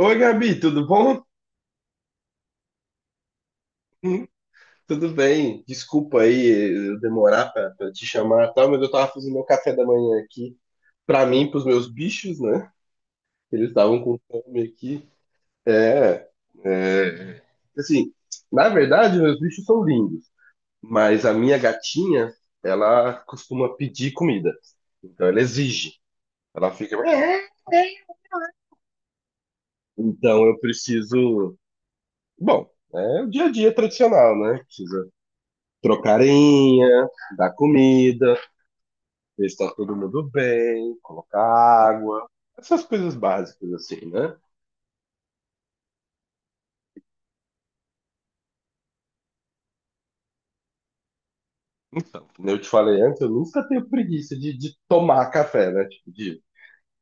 Oi, Gabi, tudo bom? Hum, Tudo bem. Desculpa aí eu demorar pra te chamar e tal, mas eu tava fazendo meu café da manhã aqui pra mim, pros meus bichos, né? Eles estavam com fome aqui. É, é, assim, Na verdade, meus bichos são lindos, mas a minha gatinha, ela costuma pedir comida. Então ela exige. Ela fica. Então eu preciso. Bom, é o dia a dia tradicional, né? Trocarinha, dar comida, ver se tá todo mundo bem, colocar água, essas coisas básicas assim, né? Então, como eu te falei antes, eu nunca tenho preguiça de tomar café, né? Tipo, de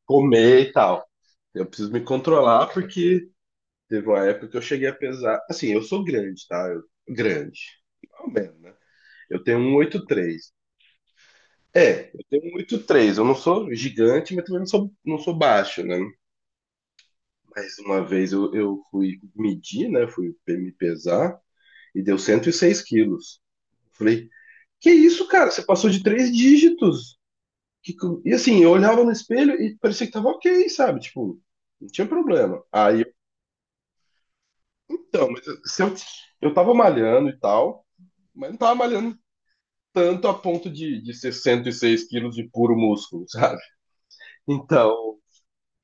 comer e tal. Eu preciso me controlar porque teve uma época que eu cheguei a pesar. Assim, eu sou grande, tá? Grande. Ao menos, né? Eu tenho um oito três. É, eu tenho um oito três. Eu não sou gigante, mas também não sou baixo, né? Mas uma vez eu fui medir, né? Fui me pesar e deu 106 quilos. Falei, que isso, cara? Você passou de três dígitos. E assim, eu olhava no espelho e parecia que tava ok, sabe? Tipo, não tinha problema. Aí, eu- então, mas eu- se eu, eu tava malhando e tal, mas não tava malhando tanto a ponto de ser 106 quilos de puro músculo, sabe? Então,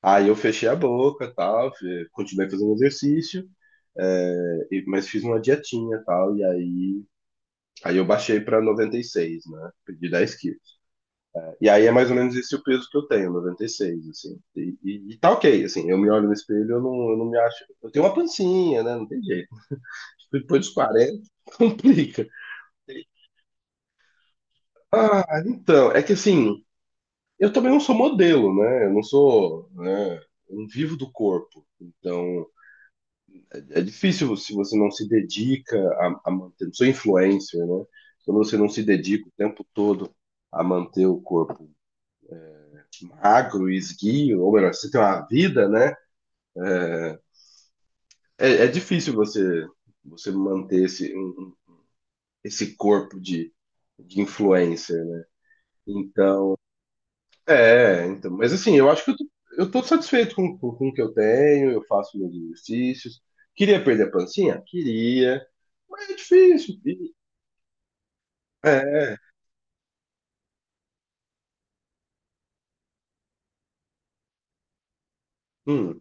aí eu fechei a boca e tal, continuei fazendo exercício. Mas fiz uma dietinha e tal, aí eu baixei pra noventa e seis, né? Perdi 10 quilos. E aí é mais ou menos esse o peso que eu tenho, 96, assim. E tá ok, assim, eu me olho no espelho, eu não me acho. Eu tenho uma pancinha, né? Não tem jeito. Depois dos 40 complica. Ah, então, é que assim, eu também não sou modelo, né? Eu não sou, né? Eu não vivo do corpo. Então, é difícil se você não se dedica a manter. Não sou influencer, né? Quando você não se dedica o tempo todo a manter o corpo magro e esguio, ou melhor, você tem uma vida, né? É difícil você manter esse corpo de influencer, né? Então, eu acho que eu tô satisfeito com o que eu tenho, eu faço meus exercícios. Queria perder a pancinha? Queria, mas é difícil, filho. É. hum,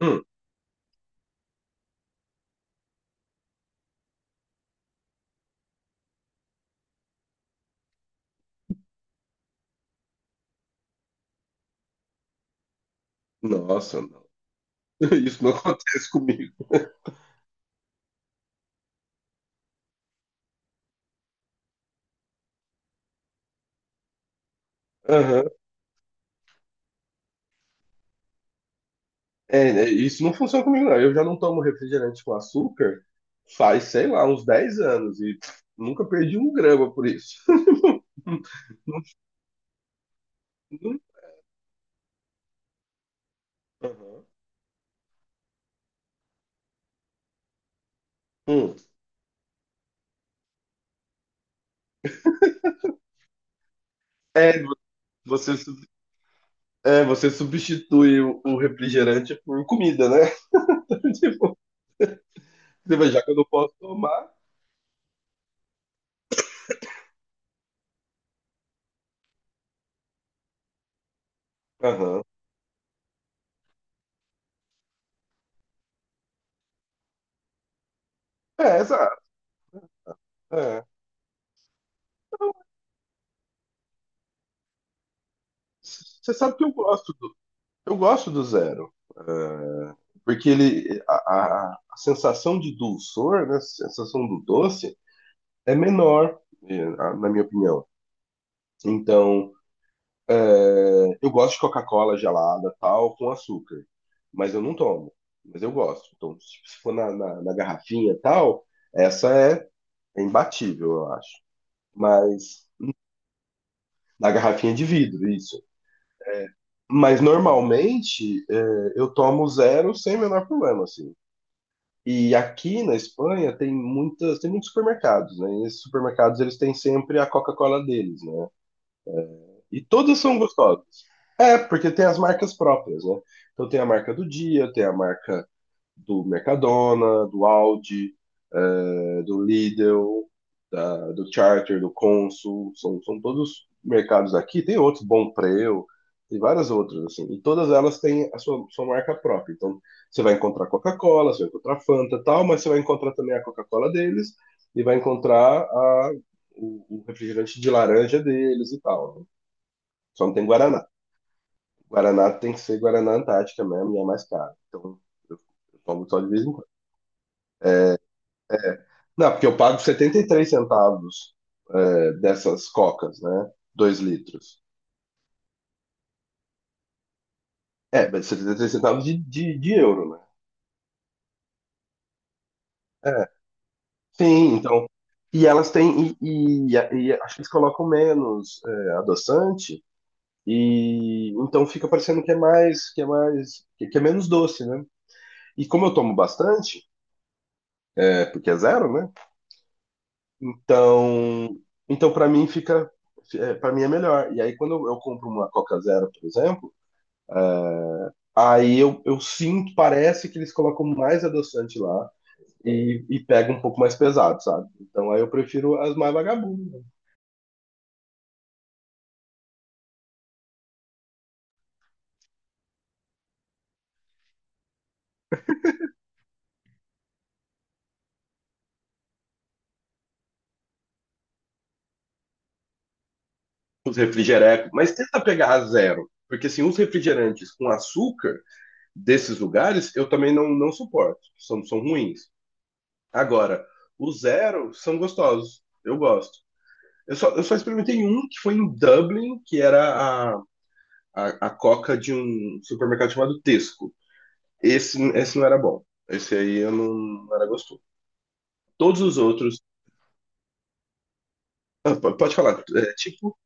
hum. Nossa, não. Isso não acontece comigo. Aham. Isso não funciona comigo, não. Eu já não tomo refrigerante com açúcar faz, sei lá, uns 10 anos e pff, nunca perdi um grama por isso. Aham. Hum. É, vo- você, sub- você substitui o refrigerante por comida, né? Tipo, você vai, já que eu não posso tomar. Aham. É, exato. É. Você sabe que eu gosto eu gosto do zero. É. Porque ele, a sensação de dulçor, né, a sensação do doce, é menor, eh, na minha opinião. Então, eu gosto de Coca-Cola gelada, tal, com açúcar, mas eu não tomo, mas eu gosto. Então, se for na garrafinha, tal, essa é, é imbatível, eu acho. Mas na garrafinha de vidro, isso. Mas normalmente eu tomo zero sem o menor problema, assim. E aqui na Espanha tem muitos supermercados, né? E esses supermercados eles têm sempre a Coca-Cola deles, né? E todas são gostosas. É, porque tem as marcas próprias, né? Então tem a marca do dia, tem a marca do Mercadona, do Audi, do Lidl, do Charter, do Consul, são todos mercados aqui. Tem outros, Bompreu, tem várias outras, assim. E todas elas têm sua marca própria. Então, você vai encontrar Coca-Cola, você vai encontrar Fanta e tal, mas você vai encontrar também a Coca-Cola deles e vai encontrar o refrigerante de laranja deles e tal, né? Só não tem Guaraná. Guaraná tem que ser Guaraná Antártica mesmo e é mais caro. Então, eu, eu tomo só de vez em... Não, porque eu pago 73 centavos, é, dessas cocas, né? 2 litros. É, mas 73 centavos de euro, né? É, sim, então. E elas têm. E acho que eles colocam menos, é, adoçante. E então fica parecendo que é mais, que é menos doce, né? E como eu tomo bastante, é, porque é zero, né? Então, então para mim fica, é, para mim é melhor. E aí quando eu compro uma Coca Zero, por exemplo, aí eu sinto, parece que eles colocam mais adoçante lá e pega um pouco mais pesado, sabe? Então aí eu prefiro as mais vagabundas, né? Os refrigerecos. Mas tenta pegar a zero, porque assim, os refrigerantes com açúcar desses lugares eu também não suporto, são ruins. Agora, os zero são gostosos, eu gosto. Eu só experimentei um que foi em Dublin, que era a coca de um supermercado chamado Tesco. Esse não era bom. Esse aí eu não... não era gostoso. Todos os outros. Ah, pode falar, é, tipo,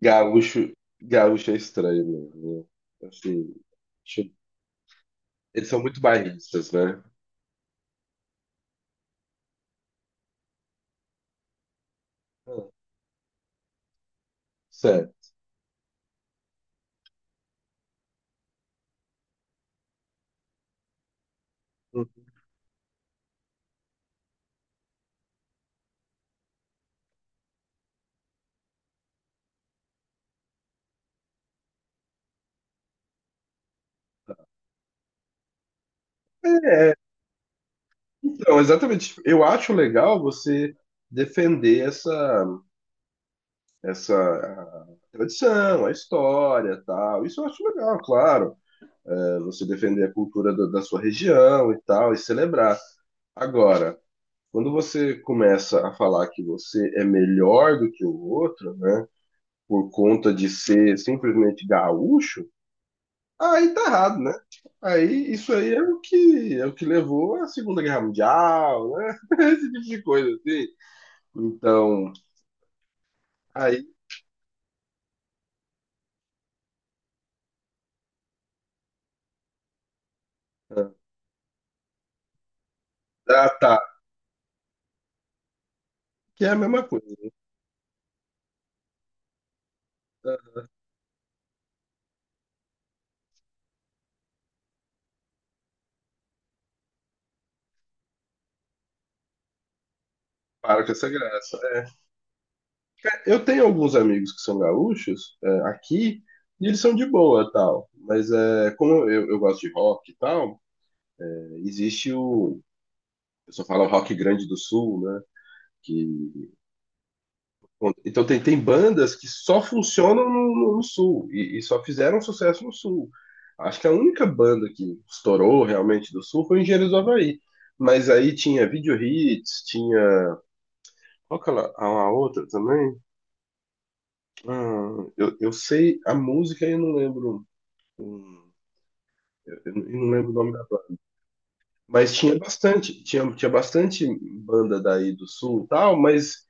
gaúcho. Gaúcho é estranho, mesmo, né? Assim, tipo, eles são muito bairristas, né? Ah, sério. Então, exatamente. Eu acho legal você defender essa, essa a tradição, a história, tal. Isso eu acho legal, claro. É, você defender a cultura da sua região e tal, e celebrar. Agora, quando você começa a falar que você é melhor do que o outro, né, por conta de ser simplesmente gaúcho, aí tá errado, né? Aí isso aí é o que é, o que levou à Segunda Guerra Mundial, né? Esse tipo de coisa assim. Então, aí tá, que é a mesma coisa. Tá? Para com essa graça. É. Eu tenho alguns amigos que são gaúchos, é, aqui, e eles são de boa, tal. Mas é, como eu gosto de rock e tal, é, existe o... pessoa fala o rock grande do sul, né? Que, então tem, tem bandas que só funcionam no sul e só fizeram sucesso no sul. Acho que a única banda que estourou realmente do sul foi Engenheiros do Havaí. Mas aí tinha Video Hits, tinha. Qual que a outra também? Ah, eu sei a música e eu não lembro. hum, eu não lembro o nome da banda. Mas tinha bastante banda daí do sul e tal, mas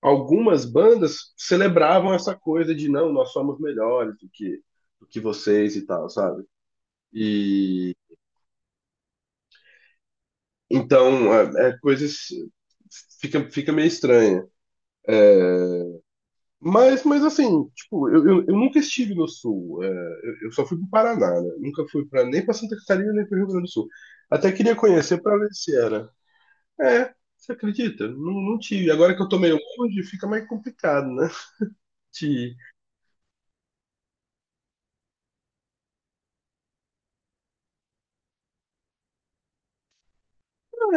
algumas bandas celebravam essa coisa de não, nós somos melhores do que vocês e tal, sabe? E então é, é coisas fica, fica meio estranha. É, mas assim, tipo, eu nunca estive no sul. É, eu só fui pro Paraná, né? Nunca fui pra, nem pra Santa Catarina, nem pro Rio Grande do Sul. Até queria conhecer pra ver se era. É, você acredita? Não, não tive. Agora que eu tô meio longe, fica mais complicado, né? De...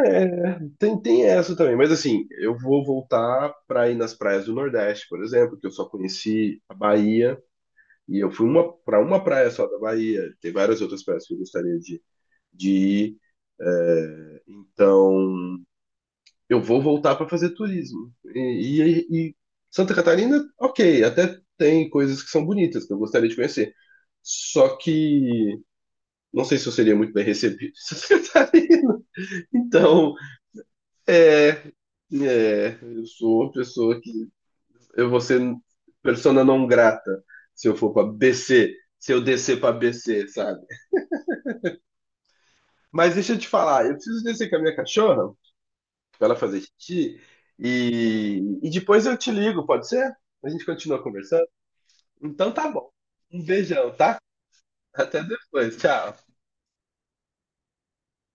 É, tem, tem essa também, mas assim, eu vou voltar para ir nas praias do Nordeste, por exemplo, que eu só conheci a Bahia, e eu fui uma, para uma praia só da Bahia, tem várias outras praias que eu gostaria de ir, então eu vou voltar para fazer turismo. E Santa Catarina, ok, até tem coisas que são bonitas, que eu gostaria de conhecer, só que não sei se eu seria muito bem recebido em Santa Catarina, então, é. É, eu sou uma pessoa que eu vou ser persona não grata se eu for pra BC, se eu descer pra BC, sabe? Mas deixa eu te falar, eu preciso descer com a minha cachorra pra ela fazer xixi e depois eu te ligo, pode ser? A gente continua conversando? Então tá bom. Um beijão, tá? Até depois. Tchau.